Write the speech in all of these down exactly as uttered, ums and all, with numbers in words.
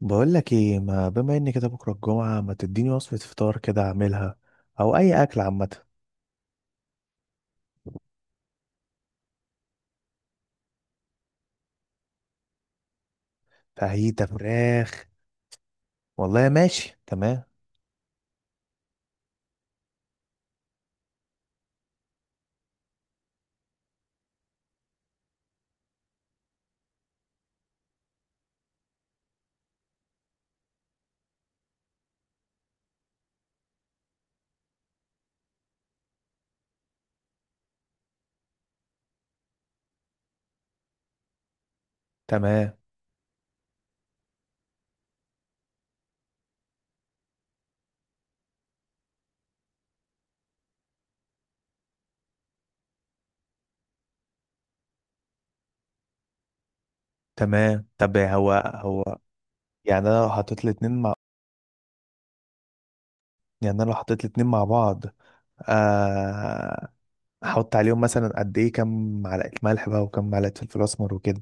بقول لك ايه، ما بما ان كده بكره الجمعه ما تديني وصفه فطار كده اعملها او اي اكل عامه. فاهيتا فراخ. والله ماشي، تمام. تمام، تمام. طب هو هو. يعني انا لو حطيت الاتنين مع يعني انا لو حطيت الاتنين مع بعض. آه، احط عليهم مثلا قد ايه، كام معلقه ملح بقى وكام معلقه فلفل اسمر وكده.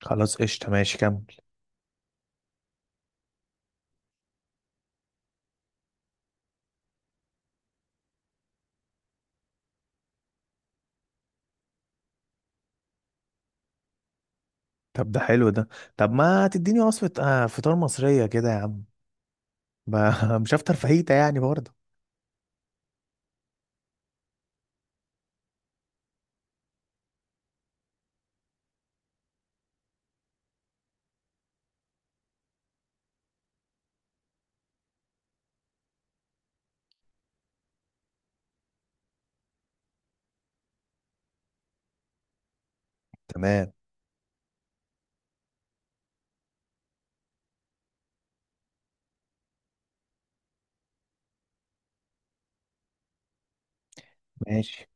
خلاص قشطه، ماشي كمل. طب ده حلو ده. طب ما تديني وصفه آه، فطار مصريه كده يا عم. ما- مش هفطر فاهيتا يعني برضه. تمام. ماشي،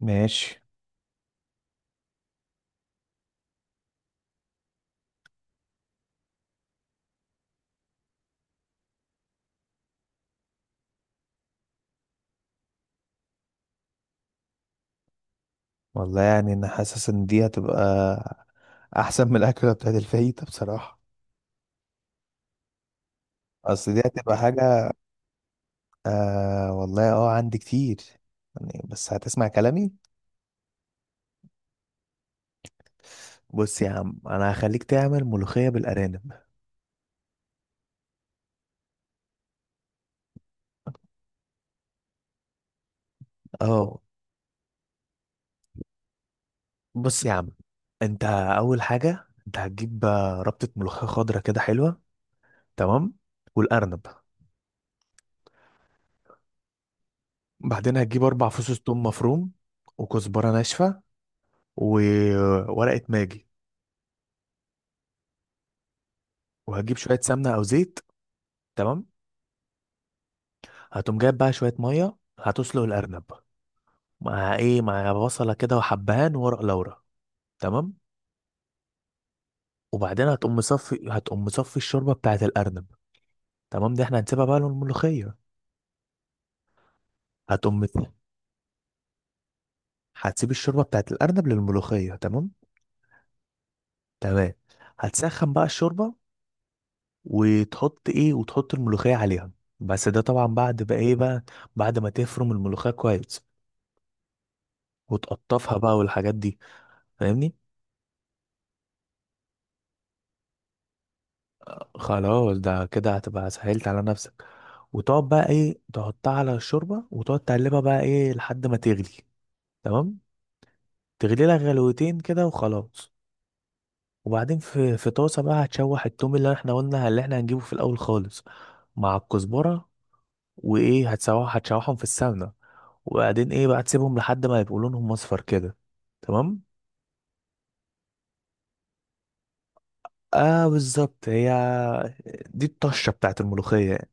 ماشي. والله يعني انا حاسس ان دي هتبقى احسن من الاكله بتاعت الفاهيتا بصراحه. اصل دي هتبقى حاجه. آه والله اه، عندي كتير يعني، بس هتسمع كلامي. بص يا عم، انا هخليك تعمل ملوخيه بالارانب. اه. بص يا عم، انت اول حاجه انت هتجيب آه، ربطه ملوخيه خضراء كده حلوه. تمام. والارنب. بعدين هتجيب اربع فصوص ثوم مفروم وكزبره ناشفه وورقه ماجي. وهتجيب شويه سمنه او زيت. تمام. هتقوم جايب بقى شويه ميه هتسلق الارنب. مع ايه؟ مع بصله كده وحبهان وورق لورا. تمام. وبعدين هتقوم مصفي هتقوم مصفي الشوربه بتاعه الارنب. تمام، دي احنا هنسيبها بقى للملوخيه. هتقوم مت- هتسيب الشوربه بتاعه الارنب للملوخيه. تمام. تمام. هتسخن بقى الشوربه وتحط ايه، وتحط الملوخيه عليها. بس ده طبعا بعد بقى ايه بقى، بعد ما تفرم الملوخيه كويس وتقطفها بقى والحاجات دي، فاهمني؟ خلاص، ده كده هتبقى سهلت على نفسك. وتقعد بقى ايه تحطها على الشوربة، وتقعد تقلبها بقى ايه لحد ما تغلي. تمام. تغلي لها غلوتين كده وخلاص. وبعدين في في طاسة بقى هتشوح التوم اللي احنا قلنا اللي احنا هنجيبه في الاول خالص، مع الكزبرة. وايه، هتسوح هتشوحهم في السمنة. وبعدين ايه بقى، تسيبهم لحد ما يبقوا لونهم اصفر كده. تمام. اه بالظبط، هي دي الطشة بتاعت الملوخية يعني.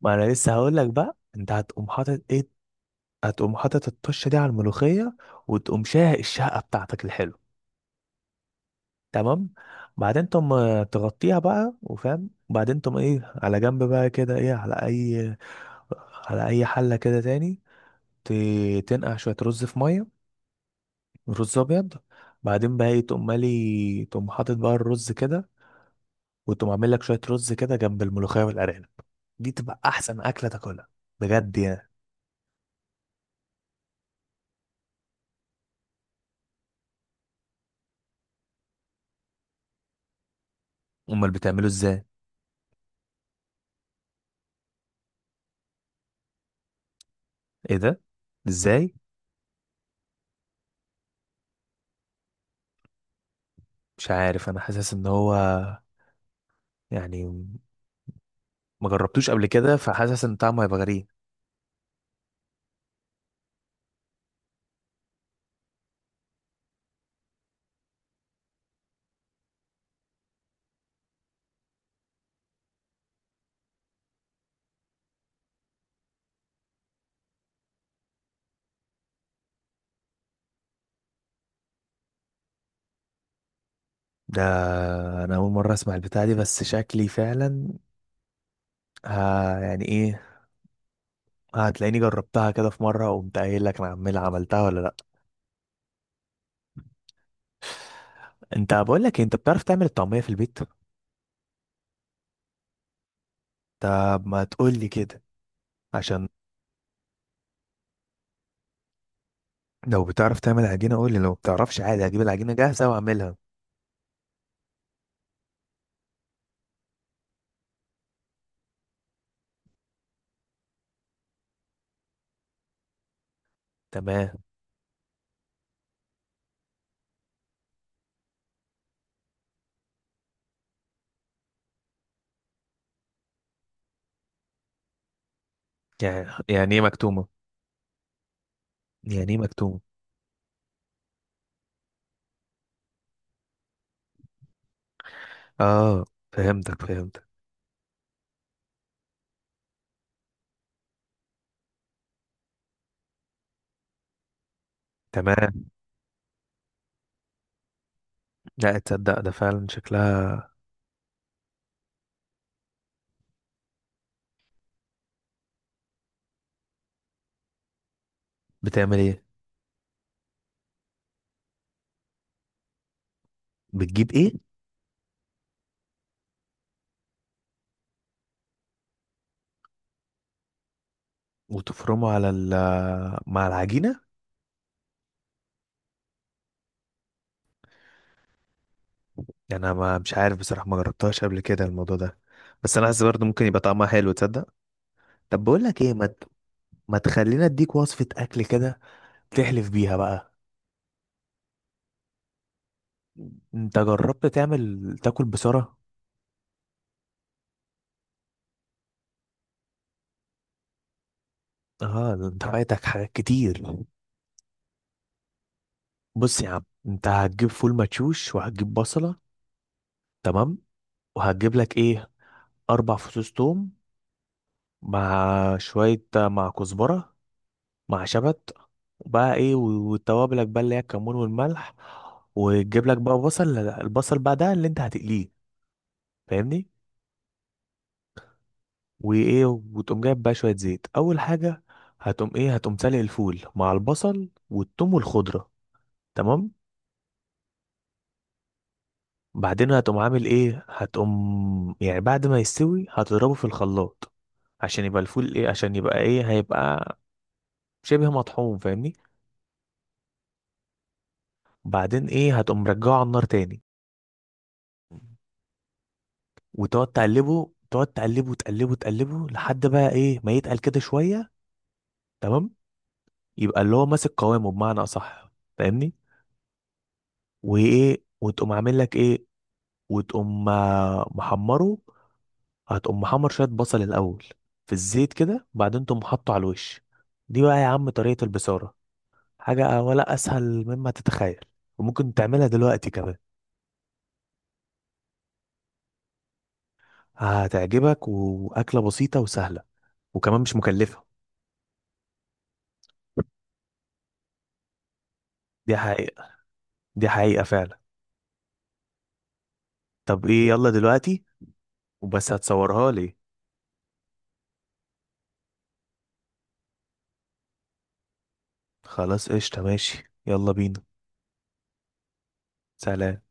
ما انا لسه هقول لك بقى، انت هتقوم حاطط ايه، هتقوم حاطط الطشة دي على الملوخية. وتقوم شاهق الشهقة بتاعتك الحلو. تمام. بعدين تقوم آه، تغطيها بقى وفاهم، وبعدين تقوم ايه على جنب بقى كده ايه، على اي، على اي حلة كده تاني ت- تنقع شوية رز في مية، رز ابيض. بعدين بقى ايه، تقوم مالي تقوم حاطط بقى الرز كده، وتقوم عامل لك شوية رز كده جنب الملوخية والارانب. دي تبقى احسن اكلة تاكلها بجد يعني. امال بتعمله ازاي؟ ايه ده؟ ازاي؟ مش عارف، انا حاسس ان هو يعني ما جربتوش قبل كده، فحاسس ان طعمه هيبقى غريب. ده انا اول مره اسمع البتاع دي، بس شكلي فعلا ها يعني ايه، هتلاقيني جربتها كده في مره وقمت قايل لك انا عمال عملتها ولا لا. انت بقول لك إيه، انت بتعرف تعمل الطعميه في البيت؟ طب ما تقول لي كده، عشان لو بتعرف تعمل عجينه قول لي، لو ما بتعرفش عادي هجيب العجينه جاهزه واعملها. تمام. يعني يعني ايه مكتومه يعني ايه مكتومه اه، فهمتك فهمتك تمام. لا تصدق، ده فعلا شكلها. بتعمل ايه؟ بتجيب ايه؟ وتفرمه على ال، مع العجينة. يعني انا ما مش عارف بصراحة، ما جربتهاش قبل كده الموضوع ده، بس انا حاسس برضه ممكن يبقى طعمها حلو، تصدق؟ طب بقول لك ايه ما ت- ما تخلينا اديك وصفة اكل كده تحلف بيها بقى. انت جربت تعمل تاكل بسرعة؟ اه، ده انت فايتك حاجات كتير. بص يا عم، انت هتجيب فول مدشوش، وهتجيب بصلة. تمام. وهتجيب لك ايه، اربع فصوص توم، مع شوية مع كزبرة، مع شبت، وبقى ايه و- وتوابلك بقى اللي هي الكمون والملح. وتجيب لك بقى بصل، البصل بقى ده اللي انت هتقليه، فاهمني؟ وايه، وتقوم جايب بقى شوية زيت اول حاجة. هتقوم ايه، هتقوم سالق الفول مع البصل والثوم والخضرة. تمام. بعدين هتقوم عامل ايه، هتقوم يعني بعد ما يستوي هتضربه في الخلاط، عشان يبقى الفول ايه، عشان يبقى ايه، هيبقى شبه مطحون، فاهمني؟ بعدين ايه، هتقوم رجعه على النار تاني وتقعد تقلبه، تقعد تقلبه تقلبه تقلبه لحد بقى ايه ما يتقل كده شويه. تمام. يبقى اللي هو ماسك قوامه بمعنى اصح، فاهمني؟ وايه، وتقوم عامل لك ايه، وتقوم آه، محمره، هتقوم محمر شويه بصل الاول في الزيت كده، بعدين تقوم حاطه على الوش. دي بقى يا عم طريقه البصاره، حاجه ولا اسهل مما تتخيل. وممكن تعملها دلوقتي كمان. هتعجبك، واكله بسيطه وسهله، وكمان مش مكلفه. دي حقيقه، دي حقيقه فعلا. طب ايه، يلا دلوقتي. وبس هتصورها لي. خلاص قشطة، ماشي يلا بينا. سلام.